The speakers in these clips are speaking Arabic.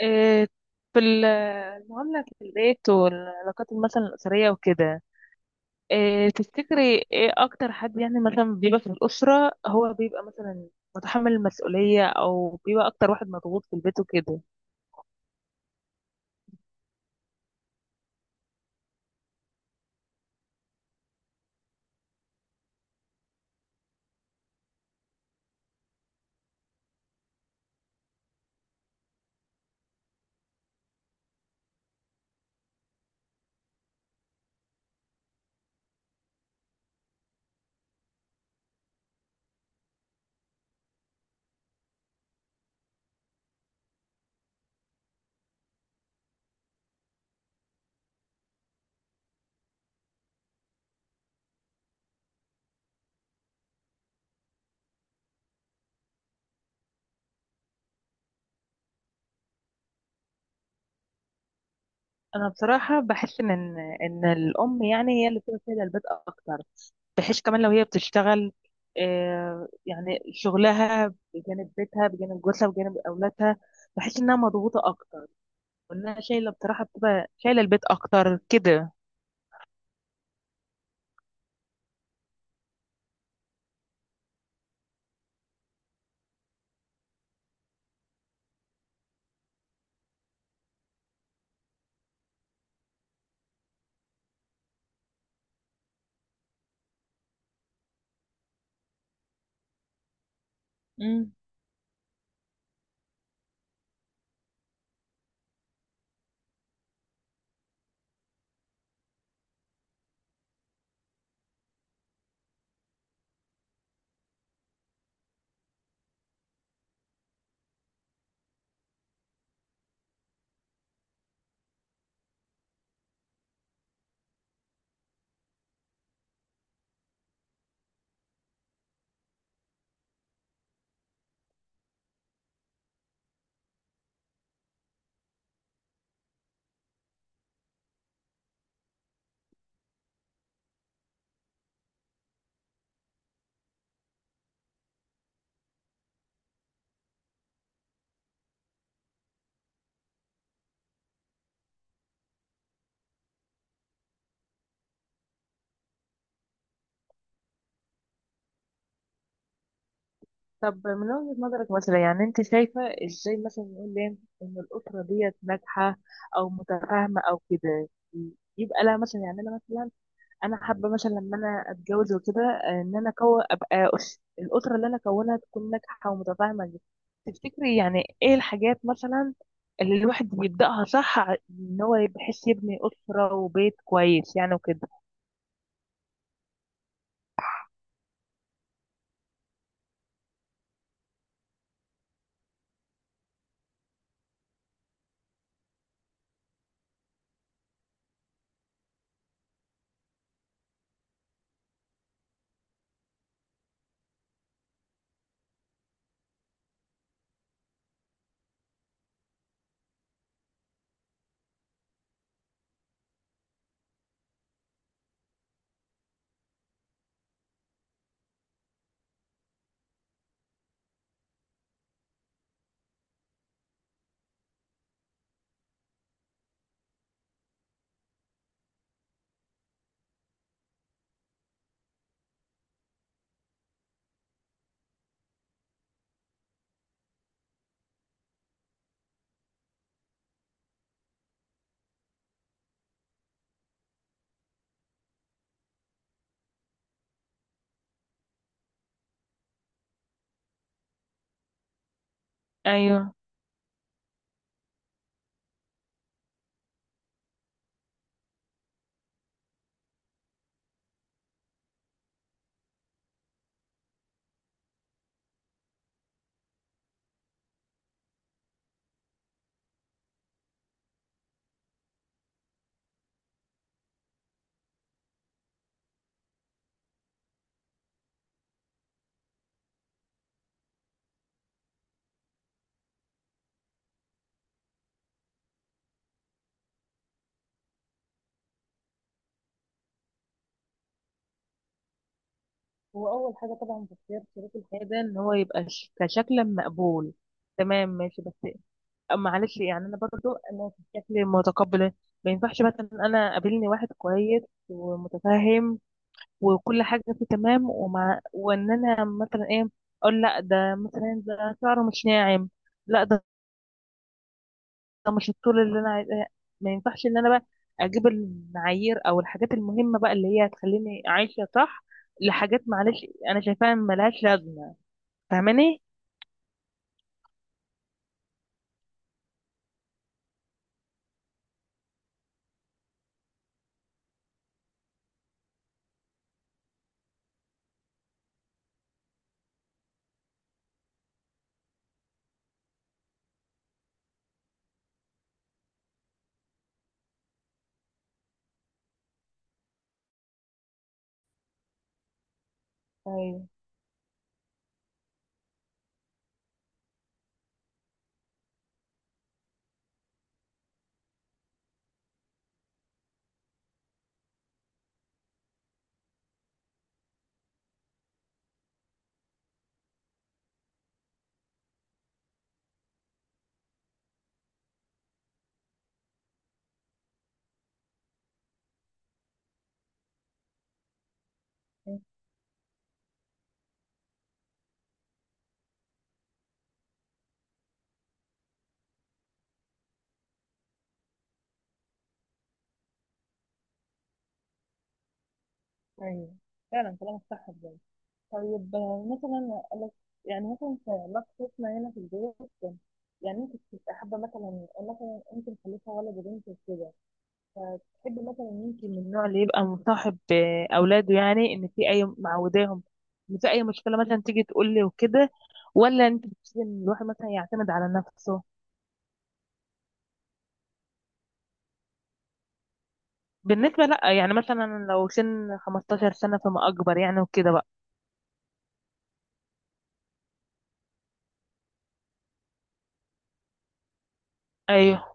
إيه، في المعاملة في البيت والعلاقات مثلا الأسرية وكده. إيه، تفتكري ايه أكتر حد يعني مثلا بيبقى في الأسرة، هو بيبقى مثلا متحمل المسؤولية أو بيبقى أكتر واحد مضغوط في البيت وكده. انا بصراحه بحس ان إن الام يعني هي اللي بتبقى شايله البيت اكتر، بحيث كمان لو هي بتشتغل، يعني شغلها بجانب بيتها بجانب جوزها بجانب اولادها، بحس انها مضغوطه اكتر، وانها شايله، بصراحه بتبقى شايله البيت اكتر كده. امم. طب من وجهه نظرك مثلا يعني انت شايفه ازاي، مثلا نقول ليه ان الاسره ديت ناجحه او متفاهمه او كده؟ يبقى لها مثلا، يعني انا مثلا انا حابه مثلا لما انا اتجوز وكده، ان انا الاسره اللي انا اكونها تكون ناجحه ومتفاهمه دي. تفتكري يعني ايه الحاجات مثلا اللي الواحد بيبداها صح، ان هو بحيث يبني اسره وبيت كويس يعني وكده؟ ايوه. هو اول حاجه طبعا في اختيار شريك الحياه ده ان هو يبقى كشكلا مقبول، تمام ماشي. بس معلش يعني انا برضو انا في شكل متقبل. ما ينفعش مثلا انا قابلني واحد كويس ومتفاهم وكل حاجه فيه تمام، ومع وان انا مثلا ايه، اقول لا ده مثلا ده شعره مش ناعم، لا ده ده مش الطول اللي انا عايزاه. ما ينفعش ان انا بقى اجيب المعايير او الحاجات المهمه بقى اللي هي هتخليني عايشه صح لحاجات، معلش، انا شايفاها ملهاش لازمه. فاهماني؟ ايوه. ايوه، فعلا كلامك صح بجد. طيب مثلا أقول لك، يعني مثلا في علاقتنا هنا في البيت، يعني انت كنت حابه مثلا، مثلا انت مخلفه ولد وبنت وكده، تحب مثلا انت من النوع اللي يبقى مصاحب اولاده، يعني ان في اي معوداهم، ان في اي مشكله مثلا تيجي تقول لي وكده، ولا انت بتحب ان الواحد مثلا يعتمد على نفسه؟ بالنسبه لا، يعني مثلا لو سن 15 سنه فما اكبر يعني وكده بقى. ايوه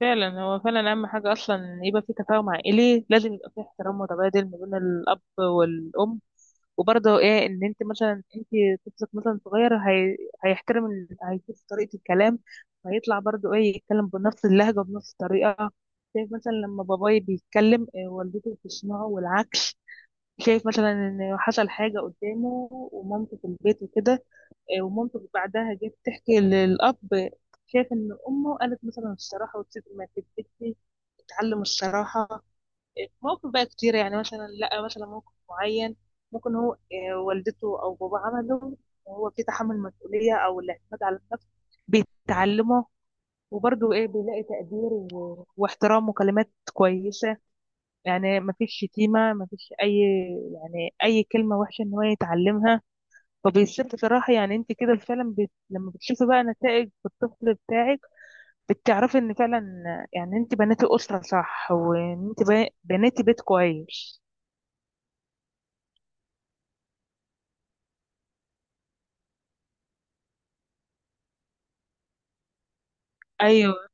فعلا، هو فعلا اهم حاجه اصلا إن يبقى في تفاهم عائلي، لازم يبقى في احترام متبادل ما بين الاب والام. وبرضه ايه، ان انت مثلا انت طفلك مثلا صغير، هيحترم، هيشوف طريقة الكلام، هيطلع برضه ايه يتكلم بنفس اللهجة بنفس الطريقة. شايف مثلا لما باباي بيتكلم، إيه، والدته بتسمعه والعكس، شايف مثلا ان حصل حاجة قدامه ومامته في البيت وكده، إيه، ومامته بعدها جت تحكي للأب، شايف ان امه قالت مثلا الصراحة وتسيب ما تكذبش، تتعلم الصراحة. مواقف بقى كتير، يعني مثلا لا مثلا موقف معين، ممكن هو والدته او باباه عمله، وهو في تحمل مسؤوليه او الاعتماد على النفس بيتعلمه. وبرضه ايه، بيلاقي تقدير واحترام وكلمات كويسه، يعني ما فيش شتيمه، ما فيش اي، يعني اي كلمه وحشه ان هو يتعلمها. فبيصير بصراحه، يعني انت كده فعلا لما بتشوفي بقى نتائج في الطفل بتاعك، بتعرفي ان فعلا يعني انت بنيتي اسره صح، وان انت بنيتي بيت كويس. أيوه.